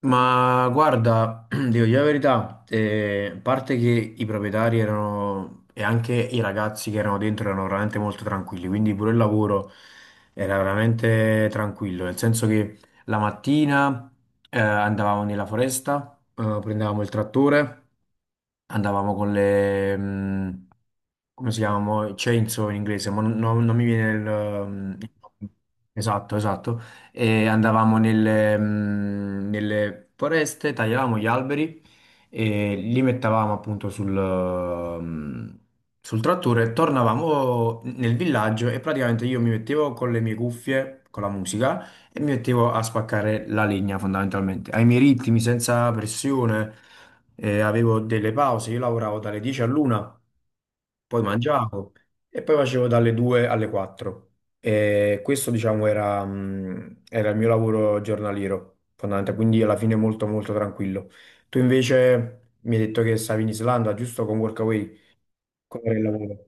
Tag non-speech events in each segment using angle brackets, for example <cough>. Ma guarda, <clears throat> devo dire la verità, a parte che i proprietari erano e anche i ragazzi che erano dentro erano veramente molto tranquilli, quindi pure il lavoro era veramente tranquillo, nel senso che la mattina andavamo nella foresta, prendevamo il trattore, andavamo con le, come si chiamano? Chainsaw in inglese, ma non mi viene il... mh, Esatto, esatto. E andavamo nelle, nelle foreste, tagliavamo gli alberi e li mettavamo appunto sul, sul trattore, tornavamo nel villaggio e praticamente io mi mettevo con le mie cuffie, con la musica. Il mio obiettivo è spaccare la legna fondamentalmente, ai miei ritmi, senza pressione. Avevo delle pause, io lavoravo dalle 10 all'una, poi mangiavo e poi facevo dalle 2 alle 4. E questo diciamo era il mio lavoro giornaliero, fondamentalmente, quindi alla fine molto molto tranquillo. Tu invece mi hai detto che stavi in Islanda, giusto con Workaway, come era il lavoro?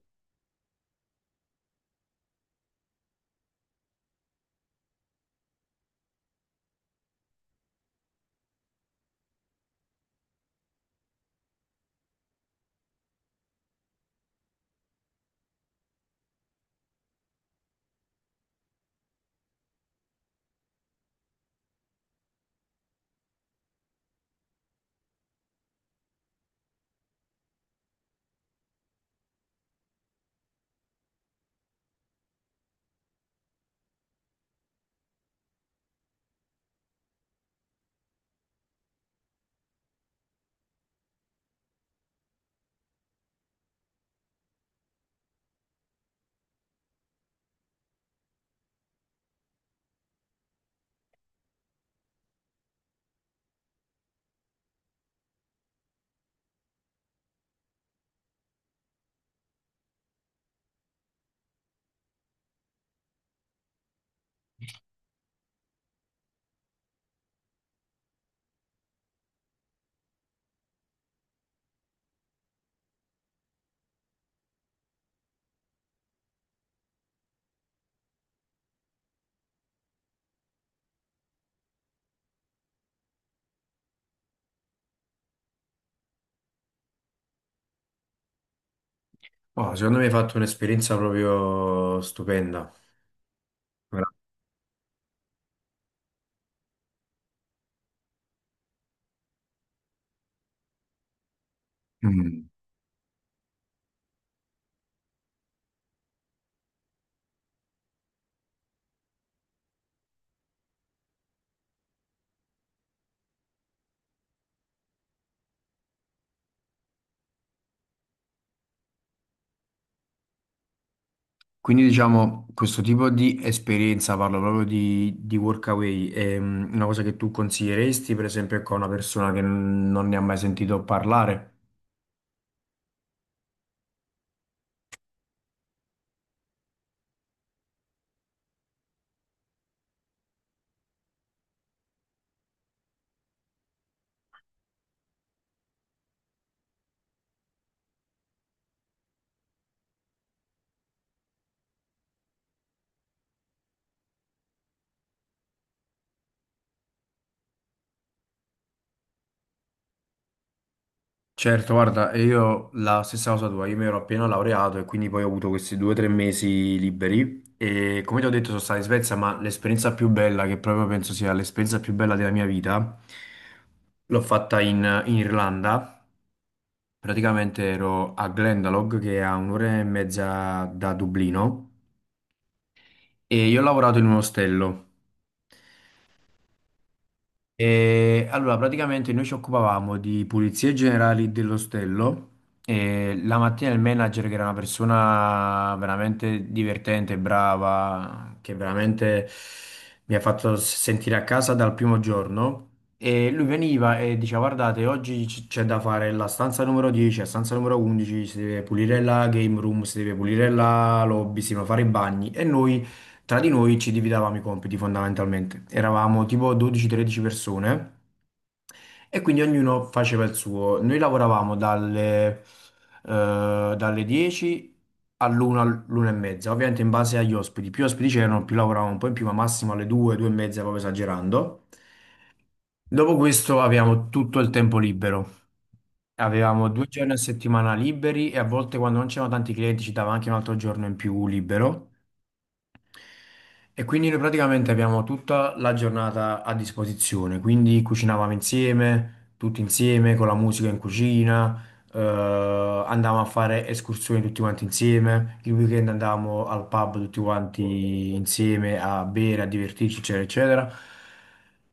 Oh, secondo me hai fatto un'esperienza proprio stupenda. Ora- Mm. Quindi diciamo questo tipo di esperienza, parlo proprio di workaway, è una cosa che tu consiglieresti per esempio, ecco, a una persona che n- non ne ha mai sentito parlare? Certo, guarda, e io la stessa cosa tua, io mi ero appena laureato e quindi poi ho avuto questi due o tre mesi liberi e come ti ho detto sono stato in Svezia, ma l'esperienza più bella, che proprio penso sia l'esperienza più bella della mia vita, l'ho fatta in Irlanda, praticamente ero a Glendalough che è a un'ora e mezza da Dublino. E io ho lavorato in un ostello. E allora, praticamente noi ci occupavamo di pulizie generali dell'ostello. E la mattina il manager, che era una persona veramente divertente, brava, che veramente mi ha fatto sentire a casa dal primo giorno. E lui veniva e diceva: Guardate, oggi c'è da fare la stanza numero 10, la stanza numero 11, si deve pulire la game room, si deve pulire la lobby, si devono fare i bagni. E noi, tra di noi ci dividevamo i compiti fondamentalmente. Eravamo tipo 12-13 persone e quindi ognuno faceva il suo. Noi lavoravamo dalle 10 all'una, all'una e mezza, ovviamente in base agli ospiti. Più ospiti c'erano, più lavoravamo un po' in più, ma massimo alle 2, 2 e mezza, proprio esagerando. Dopo questo avevamo tutto il tempo libero. Avevamo due giorni a settimana liberi e a volte quando non c'erano tanti clienti ci dava anche un altro giorno in più libero. E quindi noi praticamente abbiamo tutta la giornata a disposizione, quindi cucinavamo insieme, tutti insieme, con la musica in cucina. Andavamo a fare escursioni tutti quanti insieme, il weekend andavamo al pub tutti quanti insieme a bere, a divertirci, eccetera, eccetera.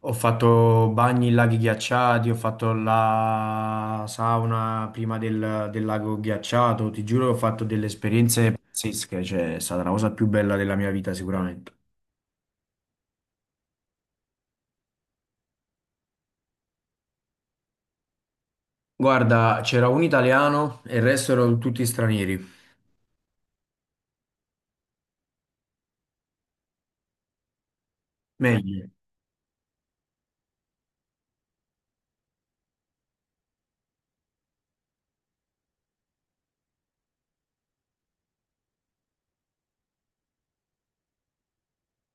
Ho fatto bagni in laghi ghiacciati, ho fatto la sauna prima del lago ghiacciato, ti giuro che ho fatto delle esperienze pazzesche, cioè è stata la cosa più bella della mia vita sicuramente. Guarda, c'era un italiano e il resto erano tutti stranieri. Meglio.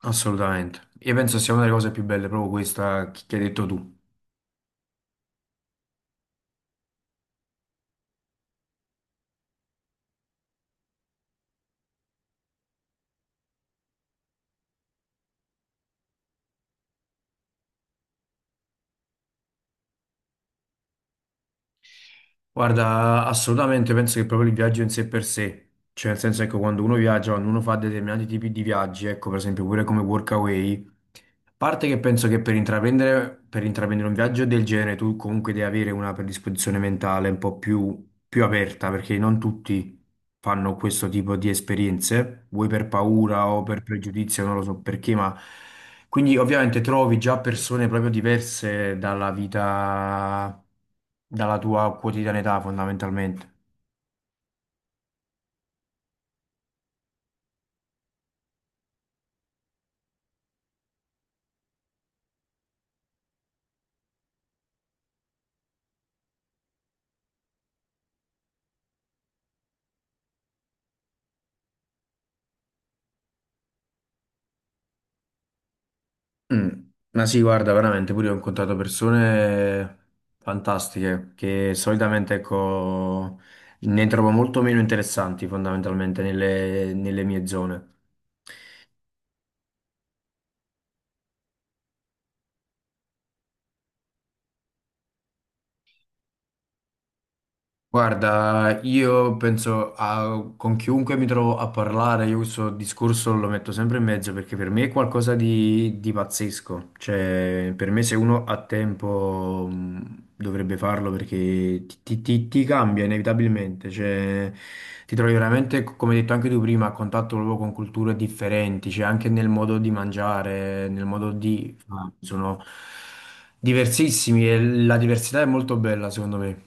Assolutamente. Io penso sia una delle cose più belle, proprio questa che hai detto tu. Guarda, assolutamente penso che proprio il viaggio in sé per sé, cioè nel senso ecco quando uno viaggia, quando uno fa determinati tipi di viaggi, ecco per esempio pure come workaway, a parte che penso che per intraprendere un viaggio del genere tu comunque devi avere una predisposizione mentale un po' più aperta perché non tutti fanno questo tipo di esperienze, vuoi per paura o per pregiudizio, non lo so perché, ma quindi ovviamente trovi già persone proprio diverse dalla vita dalla tua quotidianità fondamentalmente. Mm. Ma sì, guarda, veramente, pure io ho incontrato persone fantastiche che solitamente, ecco, ne trovo molto meno interessanti fondamentalmente nelle mie zone. Guarda, io penso a, con chiunque mi trovo a parlare, io questo discorso lo metto sempre in mezzo perché per me è qualcosa di pazzesco. Cioè, per me se uno ha tempo dovrebbe farlo perché ti cambia inevitabilmente. Cioè, ti trovi veramente, come hai detto anche tu prima, a contatto proprio con culture differenti, cioè anche nel modo di mangiare, nel modo di... fare. Sono diversissimi e la diversità è molto bella, secondo me.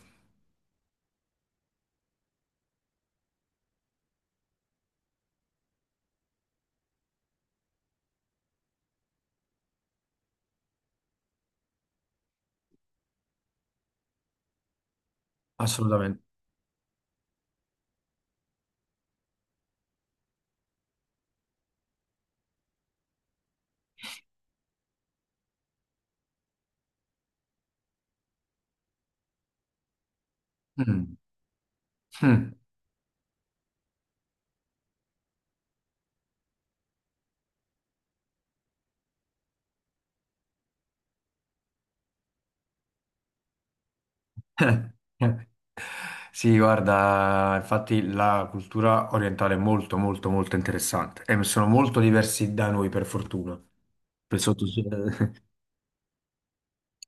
Assolutamente. Mm. Mm. <laughs> Sì, guarda, infatti la cultura orientale è molto, molto, molto interessante e sono molto diversi da noi, per fortuna. Per sotto- <laughs>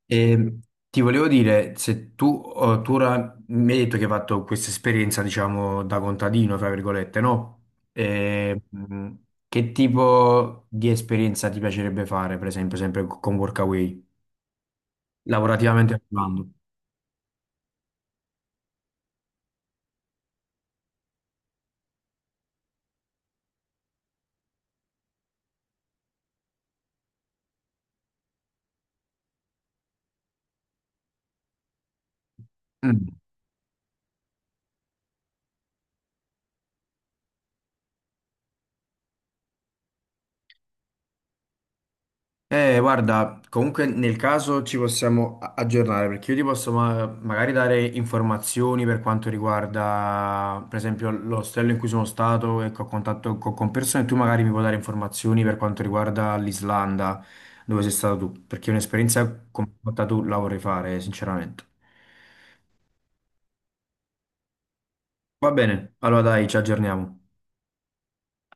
E ti volevo dire, se tu, oh, tu ora mi hai detto che hai fatto questa esperienza, diciamo, da contadino, tra virgolette, no? E, che tipo di esperienza ti piacerebbe fare, per esempio, sempre con Workaway, lavorativamente parlando? Mm. Guarda, comunque nel caso ci possiamo aggiornare perché io ti posso magari dare informazioni per quanto riguarda, per esempio, l'ostello in cui sono stato e che ho contatto con persone, tu magari mi puoi dare informazioni per quanto riguarda l'Islanda, dove sei stato tu, perché un'esperienza come quella tu la vorrei fare, sinceramente. Va bene, allora dai, ci aggiorniamo.